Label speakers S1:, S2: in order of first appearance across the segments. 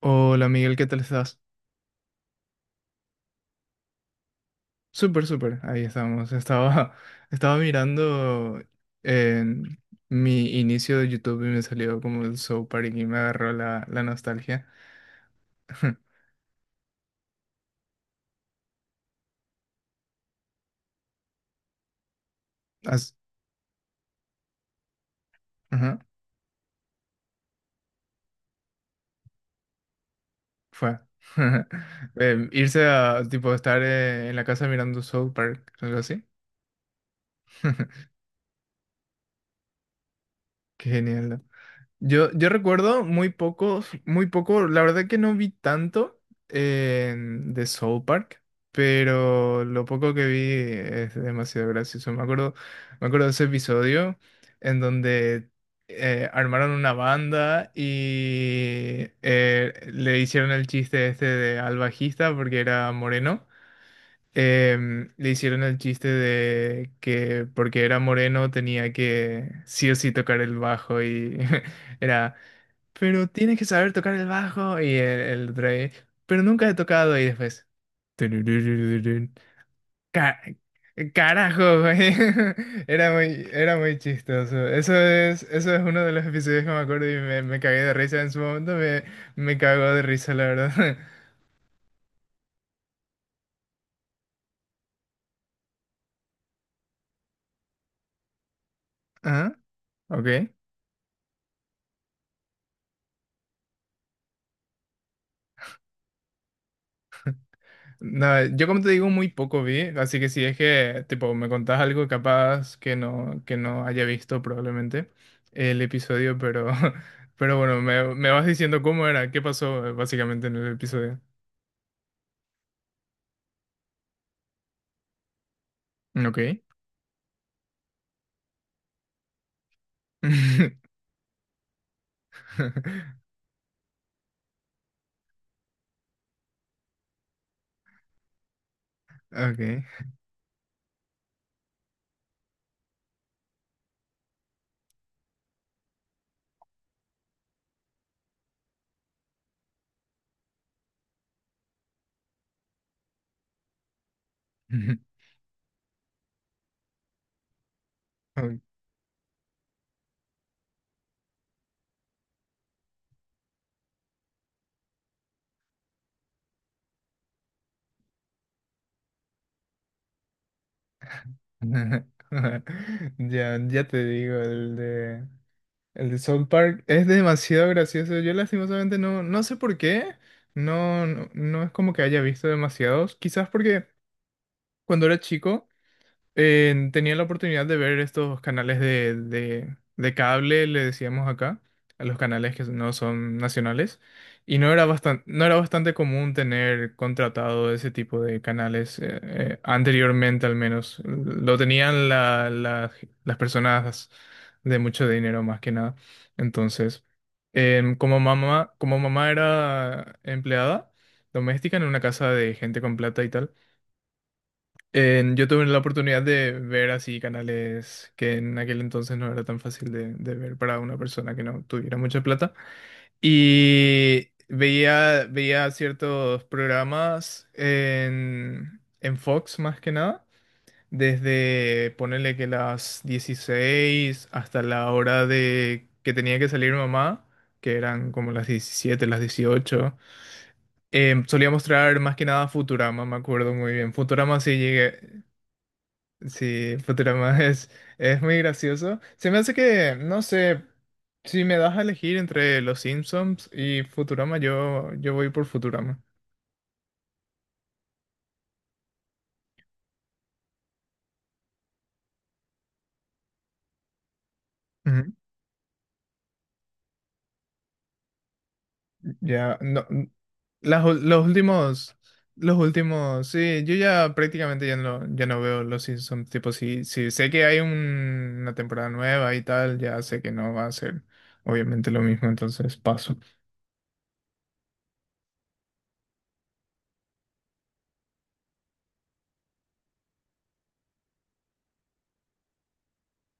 S1: Hola Miguel, ¿qué tal estás? Súper, súper, ahí estamos. Estaba, estaba mirando en mi inicio de YouTube y me salió como el Soul Park y me agarró la nostalgia. As- ajá, fue. Irse a, tipo, estar en la casa mirando Soul Park, algo así. Qué genial. Yo recuerdo muy pocos, muy poco, la verdad que no vi tanto de Soul Park, pero lo poco que vi es demasiado gracioso. Me acuerdo de ese episodio en donde armaron una banda y le hicieron el chiste este de, al bajista porque era moreno. Le hicieron el chiste de que porque era moreno tenía que sí o sí tocar el bajo y era pero tienes que saber tocar el bajo y el Dre, pero nunca he tocado y después. Turururururun. Ca- Carajo, güey. Era muy chistoso. Eso es uno de los episodios que me acuerdo y me cagué de risa en su momento. Me cagó de risa, la verdad. Ah, ok. Nada, yo como te digo, muy poco vi, así que si es que, tipo, me contás algo capaz que no, haya visto probablemente el episodio, pero, pero bueno, me vas diciendo cómo era, qué pasó básicamente en el episodio. Ok. Ok. Ok. Ya, ya te digo, el de South Park es demasiado gracioso. Yo lastimosamente no sé por qué. No, no, no es como que haya visto demasiados. Quizás porque cuando era chico, tenía la oportunidad de ver estos canales de, de cable, le decíamos acá, a los canales que no son nacionales, y no era bastante, no era bastante común tener contratado ese tipo de canales, anteriormente al menos. Lo tenían las personas de mucho dinero más que nada. Entonces, como mamá, era empleada doméstica en una casa de gente con plata y tal. Yo tuve la oportunidad de ver así canales que en aquel entonces no era tan fácil de, ver para una persona que no tuviera mucha plata. Y veía ciertos programas en Fox más que nada, desde ponerle que las 16 hasta la hora de que tenía que salir mamá, que eran como las 17 las 18. Solía mostrar más que nada Futurama, me acuerdo muy bien. Futurama sí llegué. Sí, Futurama es muy gracioso. Se me hace que, no sé, si me das a elegir entre Los Simpsons y Futurama, yo voy por Futurama. Ujú. Ya, no, n- las ul- los últimos, sí, yo ya prácticamente ya no, veo Los Simpsons. Tipo, sí sí sé que hay una temporada nueva y tal, ya sé que no va a ser obviamente lo mismo, entonces paso.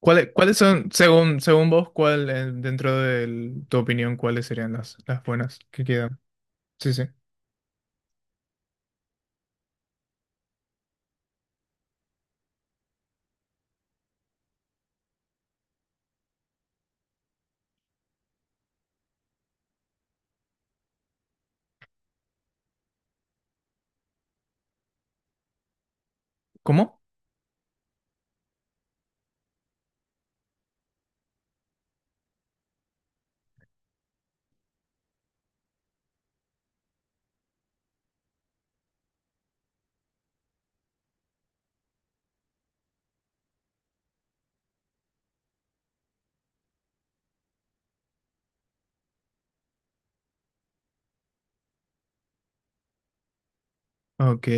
S1: ¿Cuáles son, según vos, cuál, dentro de tu opinión, cuáles serían las buenas que quedan? Sí, sí. ¿Cómo? Ok.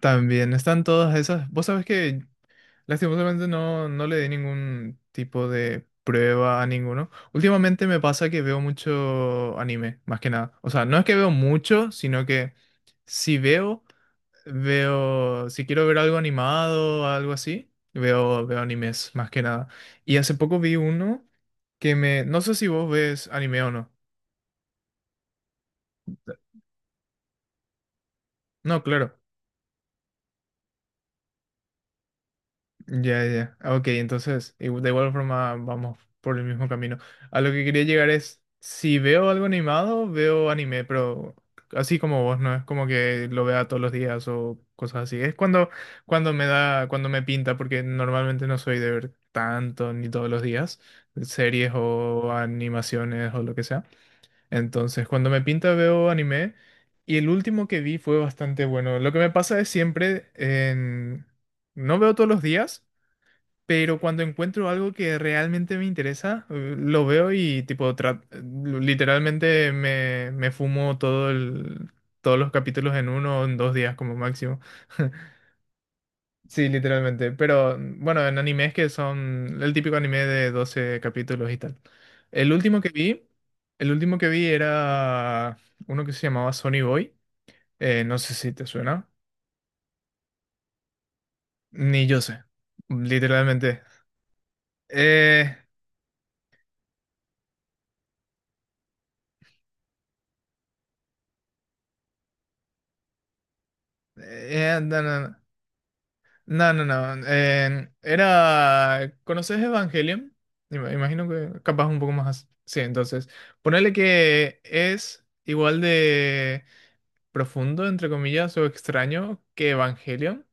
S1: También están todas esas. Vos sabés que lastimosamente no le di ningún tipo de prueba a ninguno. Últimamente me pasa que veo mucho anime, más que nada. O sea, no es que veo mucho, sino que si veo, si quiero ver algo animado o algo así, veo animes, más que nada. Y hace poco vi uno No sé si vos ves anime o no. No, claro. Ya, ya. Ah, ok, entonces, de igual forma vamos por el mismo camino. A lo que quería llegar es, si veo algo animado, veo anime, pero así como vos, no es como que lo vea todos los días o cosas así. Es cuando, cuando me da, cuando me pinta, porque normalmente no soy de ver tanto ni todos los días, series o animaciones o lo que sea. Entonces, cuando me pinta veo anime y el último que vi fue bastante bueno. Lo que me pasa es siempre en. No veo todos los días, pero cuando encuentro algo que realmente me interesa, lo veo y tipo literalmente me fumo todos los capítulos en uno o en dos días como máximo. Sí, literalmente. Pero bueno, en animes que son el típico anime de 12 capítulos y tal. El último que vi, el último que vi era uno que se llamaba Sonny Boy. No sé si te suena. Ni yo sé. Literalmente. Eh, no, no, no, no, no, no, era. ¿Conoces Evangelion? Imagino que capaz un poco más. Sí, entonces ponerle que es igual de profundo, entre comillas, o extraño que Evangelion,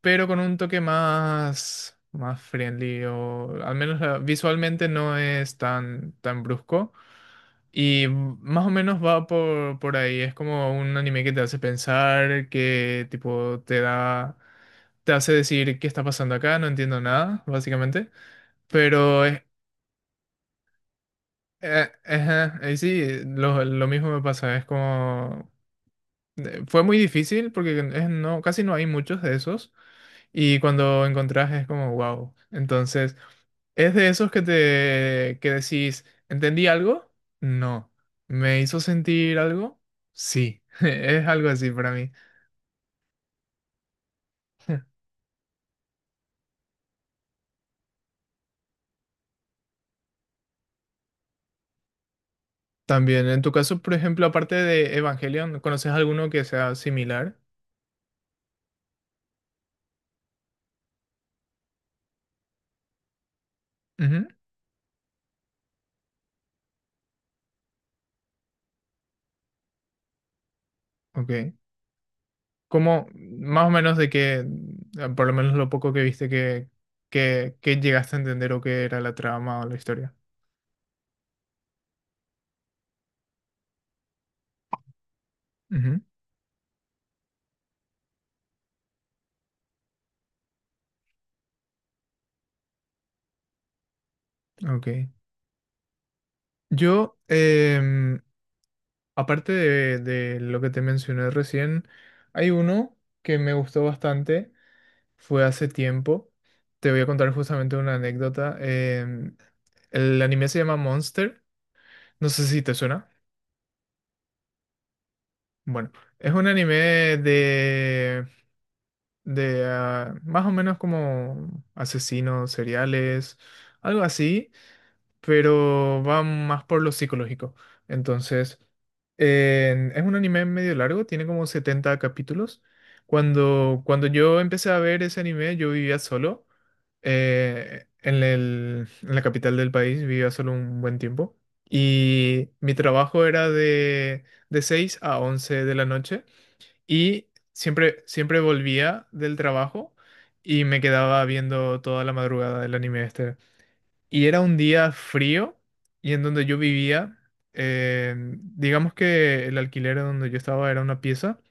S1: pero con un toque más, más friendly, o al menos visualmente no es tan, tan brusco. Y más o menos va por, ahí. Es como un anime que te hace pensar, que tipo te da, te hace decir qué está pasando acá, no entiendo nada, básicamente. Pero es, ajá, y sí, lo mismo me pasa. Es como fue muy difícil porque no, casi no hay muchos de esos. Y cuando encontrás es como, wow. Entonces, ¿es de esos que te que decís, ¿entendí algo? No. ¿Me hizo sentir algo? Sí. Es algo así para mí. También, en tu caso, por ejemplo, aparte de Evangelion, ¿conoces alguno que sea similar? Ujú, ok. ¿Cómo, más o menos de que, por lo menos lo poco que viste que llegaste a entender o qué era la trama o la historia? Ujú, ok. Yo, aparte de lo que te mencioné recién, hay uno que me gustó bastante, fue hace tiempo. Te voy a contar justamente una anécdota. El anime se llama Monster, no sé si te suena. Bueno, es un anime de, más o menos como asesinos seriales, algo así, pero va más por lo psicológico. Entonces, es un anime medio largo, tiene como 70 capítulos. Cuando yo empecé a ver ese anime, yo vivía solo. En en la capital del país vivía solo un buen tiempo. Y mi trabajo era de, 6 a 11 de la noche. Y siempre volvía del trabajo y me quedaba viendo toda la madrugada el anime este. Y era un día frío y en donde yo vivía, eh, digamos que el alquiler donde yo estaba era una pieza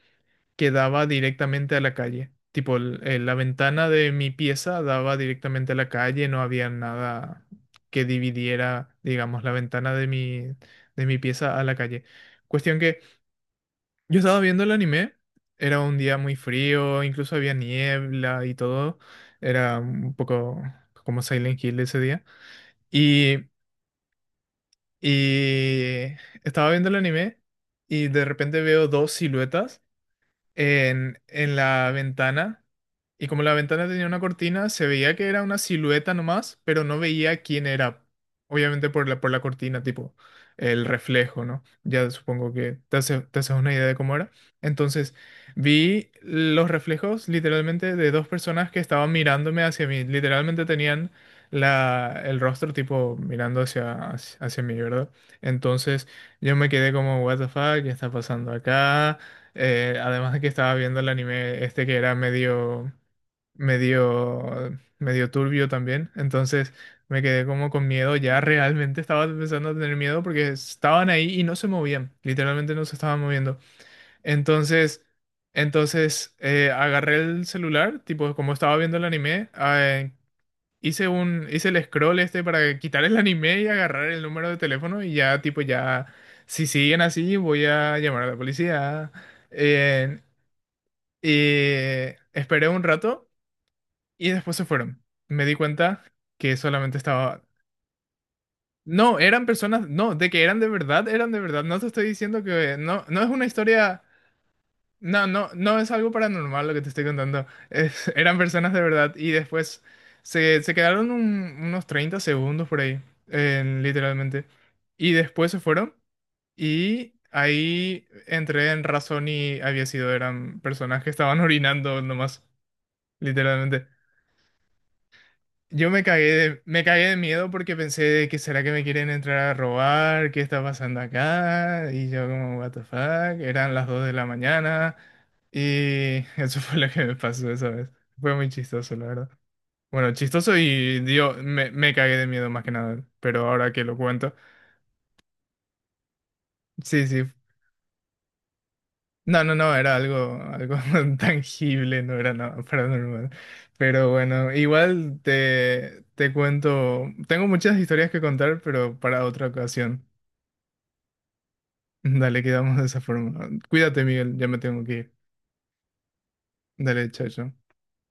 S1: que daba directamente a la calle. Tipo, la ventana de mi pieza daba directamente a la calle, no había nada que dividiera, digamos, la ventana de mi, pieza a la calle. Cuestión que yo estaba viendo el anime, era un día muy frío, incluso había niebla y todo, era un poco como Silent Hill ese día. Y Y estaba viendo el anime y de repente veo dos siluetas en, la ventana. Y como la ventana tenía una cortina, se veía que era una silueta nomás, pero no veía quién era. Obviamente por la cortina, tipo el reflejo, ¿no? Ya supongo que te te haces una idea de cómo era. Entonces, vi los reflejos literalmente de dos personas que estaban mirándome hacia mí. Literalmente tenían la, el rostro tipo mirando hacia, hacia mí, ¿verdad? Entonces, yo me quedé como, what the fuck, ¿qué está pasando acá? Además de que estaba viendo el anime este que era medio turbio también. Entonces me quedé como con miedo. Ya realmente estaba empezando a tener miedo porque estaban ahí y no se movían. Literalmente no se estaban moviendo. Entonces, agarré el celular, tipo como estaba viendo el anime, hice hice el scroll este para quitar el anime y agarrar el número de teléfono y ya tipo ya, si siguen así voy a llamar a la policía. Eh, y esperé un rato y después se fueron. Me di cuenta que solamente estaba. No, eran personas, no, de que eran de verdad, eran de verdad. No te estoy diciendo que no, no es una historia, no, no, no es algo paranormal lo que te estoy contando. Es, eran personas de verdad y después se quedaron unos 30 segundos por ahí, literalmente. Y después se fueron y ahí entré en razón y había sido, eran personas que estaban orinando nomás, literalmente. Yo me cagué de, me, cagué de miedo porque pensé de que será que me quieren entrar a robar, qué está pasando acá, y yo como, what the fuck, eran las 2 de la mañana, y eso fue lo que me pasó esa vez. Fue muy chistoso, la verdad. Bueno, chistoso y dio, me cagué de miedo más que nada, pero ahora que lo cuento, sí, sí. No, no, no, era algo, algo tangible, no era nada paranormal. Pero bueno, igual te, cuento, tengo muchas historias que contar, pero para otra ocasión. Dale, quedamos de esa forma. Cuídate, Miguel, ya me tengo que ir. Dale, chao, chao.